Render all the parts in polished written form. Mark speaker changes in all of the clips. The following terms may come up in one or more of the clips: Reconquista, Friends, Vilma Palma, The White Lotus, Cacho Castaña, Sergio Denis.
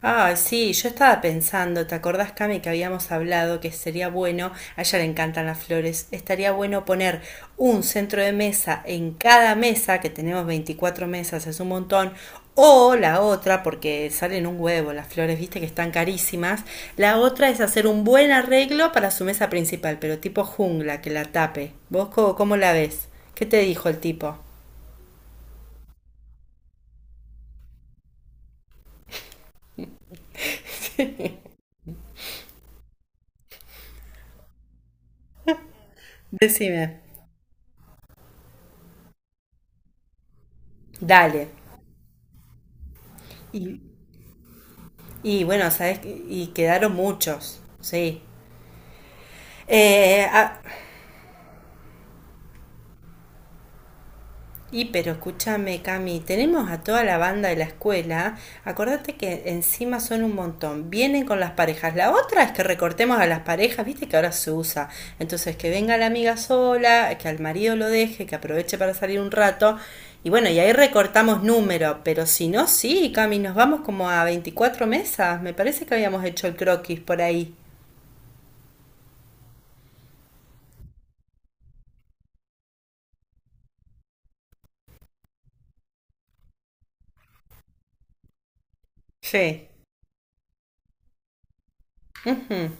Speaker 1: Ay, sí, yo estaba pensando, ¿te acordás, Cami, que habíamos hablado que sería bueno, a ella le encantan las flores, estaría bueno poner un centro de mesa en cada mesa, que tenemos 24 mesas, es un montón, o la otra, porque salen un huevo las flores, viste que están carísimas, la otra es hacer un buen arreglo para su mesa principal, pero tipo jungla, que la tape. ¿Vos cómo, la ves? ¿Qué te dijo el tipo? Decime. Dale. Y bueno, ¿sabes? Y quedaron muchos, sí. Eh, ah, y pero escúchame, Cami, tenemos a toda la banda de la escuela. Acordate que encima son un montón. Vienen con las parejas. La otra es que recortemos a las parejas, viste que ahora se usa. Entonces, que venga la amiga sola, que al marido lo deje, que aproveche para salir un rato. Y bueno, y ahí recortamos número. Pero si no, sí, Cami, nos vamos como a 24 mesas. Me parece que habíamos hecho el croquis por ahí. Sí. Mm.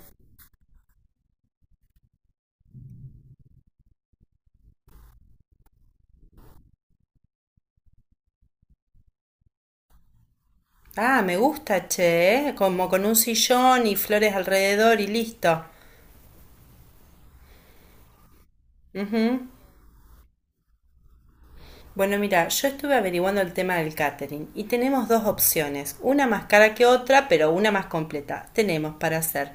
Speaker 1: Ah, me gusta, che, ¿eh? Como con un sillón y flores alrededor y listo. Ujú. Bueno, mira, yo estuve averiguando el tema del catering y tenemos dos opciones, una más cara que otra, pero una más completa. Tenemos para hacer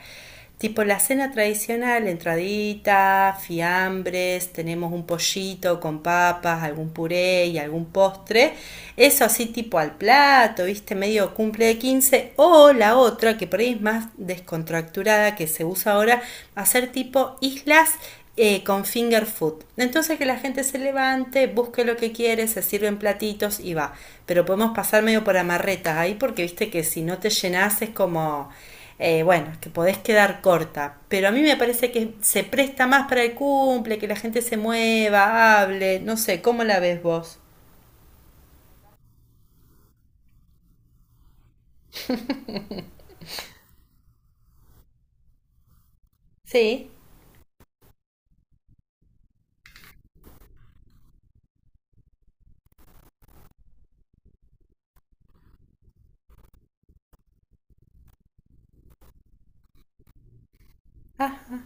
Speaker 1: tipo la cena tradicional, entradita, fiambres, tenemos un pollito con papas, algún puré y algún postre. Eso así tipo al plato, viste, medio cumple de 15. O la otra, que por ahí es más descontracturada, que se usa ahora, hacer tipo islas con finger food. Entonces que la gente se levante, busque lo que quiere, se sirven platitos y va. Pero podemos pasar medio por amarretas ahí porque viste que si no te llenas es como, bueno, que podés quedar corta. Pero a mí me parece que se presta más para el cumple, que la gente se mueva, hable, no sé, ¿cómo la ves vos? Sí. Ah,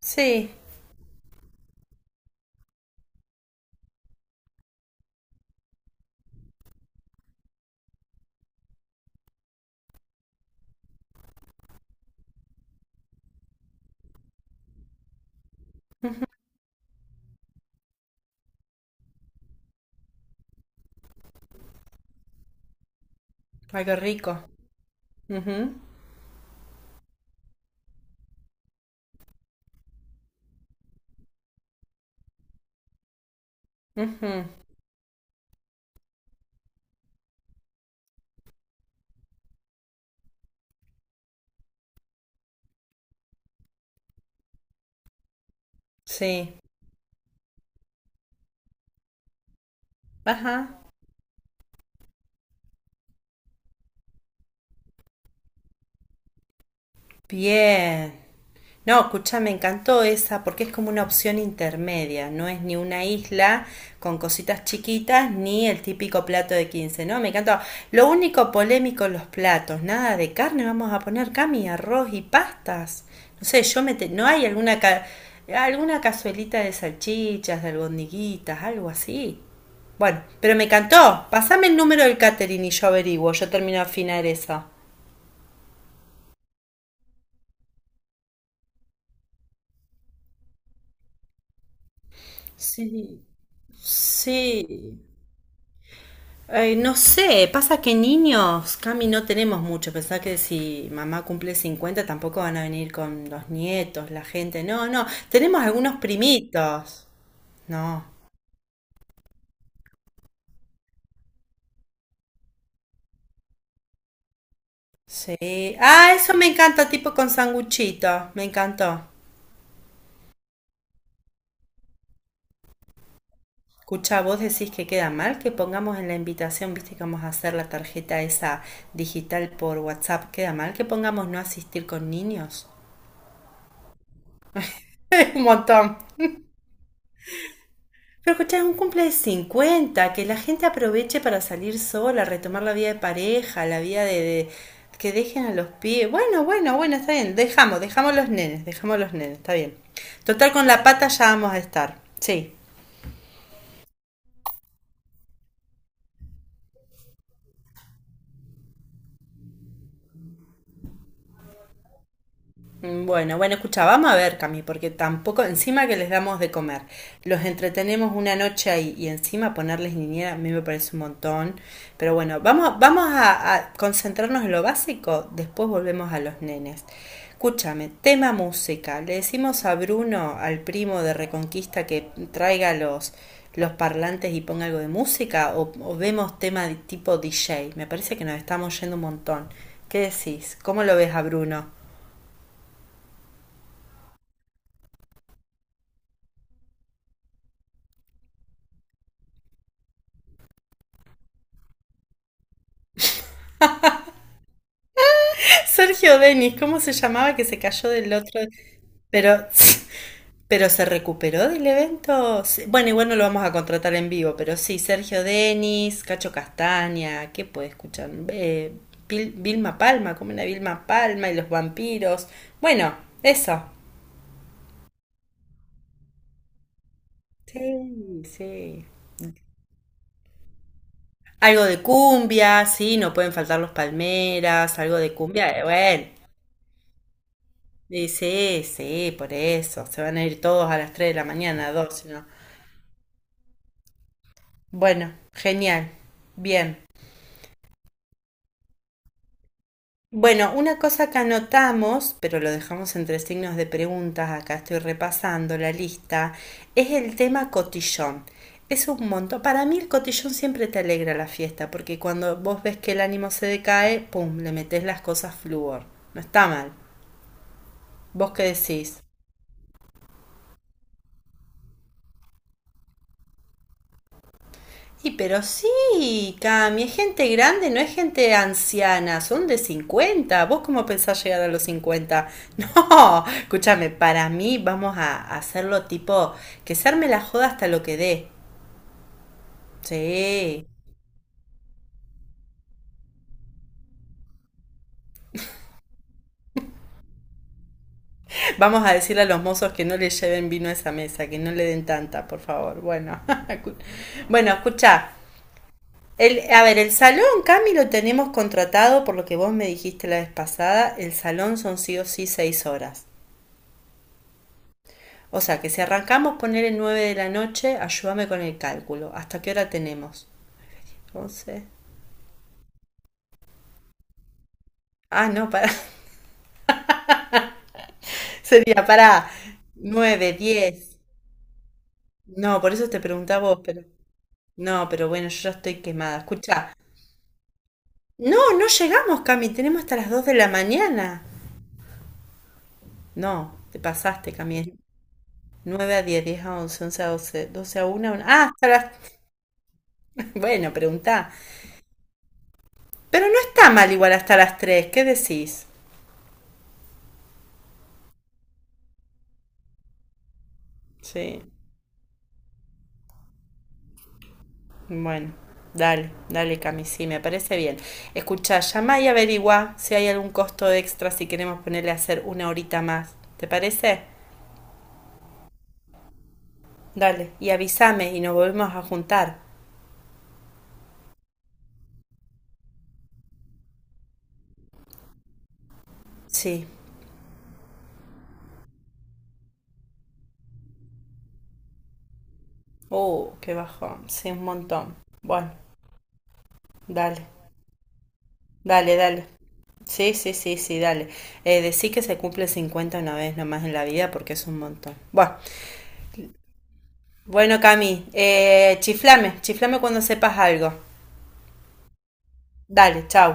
Speaker 1: sí. Algo rico. Ujú, ujú, sí. Ajá. Bien. No, escucha, me encantó esa porque es como una opción intermedia, no es ni una isla con cositas chiquitas ni el típico plato de 15. ¿No? Me encantó. Lo único polémico los platos, nada de carne, vamos a poner cami, arroz y pastas. No sé, yo no hay alguna cazuelita de salchichas, de albondiguitas, algo así. Bueno, pero me encantó. Pasame el número del catering y yo averiguo, yo termino de afinar eso. Sí, sí. Ay, no sé, pasa que niños, Cami, no tenemos mucho. Pensá que si mamá cumple 50, tampoco van a venir con los nietos, la gente. No, no, tenemos algunos primitos. No, sí. Ah, eso me encanta, tipo con sanguchito. Me encantó. Escucha, vos decís que queda mal que pongamos en la invitación, viste que vamos a hacer la tarjeta esa digital por WhatsApp. ¿Queda mal que pongamos no asistir con niños? Un montón. Pero escuchá, es un cumple de 50 que la gente aproveche para salir sola, retomar la vida de pareja, la vida que dejen a los pies. Bueno, bueno, bueno, está bien. Dejamos, dejamos los nenes, está bien. Total, con la pata ya vamos a estar. Sí. Bueno, bueno, escucha, vamos a ver, Cami, porque tampoco, encima que les damos de comer, los entretenemos una noche ahí y encima ponerles niñera, a mí me parece un montón. Pero bueno, vamos, vamos a concentrarnos en lo básico, después volvemos a los nenes. Escúchame, tema música. Le decimos a Bruno, al primo de Reconquista, que traiga los parlantes y ponga algo de música, o, vemos tema de tipo DJ. Me parece que nos estamos yendo un montón. ¿Qué decís? ¿Cómo lo ves a Bruno? Sergio Denis, ¿cómo se llamaba que se cayó del otro? Pero, pero se recuperó del evento. Sí, bueno, igual no lo vamos a contratar en vivo, pero sí, Sergio Denis, Cacho Castaña, ¿qué puede escuchar? Vilma Palma, como una Vilma Palma y los vampiros. Bueno, eso. Sí, sí. Algo de cumbia, sí, no pueden faltar los palmeras, algo de cumbia, bueno. Y sí, sí, por eso. Se van a ir todos a las 3 de la mañana, 2, si no. Bueno, genial. Bien. Bueno, una cosa que anotamos, pero lo dejamos entre signos de preguntas, acá estoy repasando la lista, es el tema cotillón. Es un montón. Para mí el cotillón siempre te alegra la fiesta, porque cuando vos ves que el ánimo se decae, pum, le metés las cosas flúor. No está mal. ¿Vos qué decís? Y pero sí, Cami, es gente grande, no es gente anciana, son de 50. ¿Vos cómo pensás llegar a los 50? No, escúchame, para mí vamos a hacerlo tipo que se arme la joda hasta lo que dé. Sí, vamos a decirle a los mozos que no le lleven vino a esa mesa, que no le den tanta, por favor. Bueno, bueno, escucha. El, a ver, el salón, Cami, lo tenemos contratado por lo que vos me dijiste la vez pasada. El salón son sí o sí 6 horas. O sea, que si arrancamos poner el 9 de la noche, ayúdame con el cálculo. ¿Hasta qué hora tenemos? 11. Ah, no, para. Sería para 9 diez. No, por eso te preguntaba vos, pero. No, pero bueno, yo ya estoy quemada. Escucha. No, no llegamos, Cami. Tenemos hasta las 2 de la mañana. No, te pasaste, Cami. Es 9 a diez, 10 a once, 11 a doce, 12 a una, ah, hasta las. Bueno, preguntá. Pero no está mal igual hasta las 3. ¿Qué decís? Sí. Bueno, dale, dale, Cami, sí, me parece bien. Escucha, llama y averigua si hay algún costo extra si queremos ponerle a hacer una horita más. ¿Te parece? Dale, y avísame y nos volvemos a juntar. Sí. Qué bajón. Sí, un montón. Bueno, dale, dale, dale. Sí, sí, sí, sí, dale. Decí que se cumple 50 una vez nomás en la vida porque es un montón. Bueno, bueno, Cami, chiflame, chiflame cuando sepas algo. Dale, chau.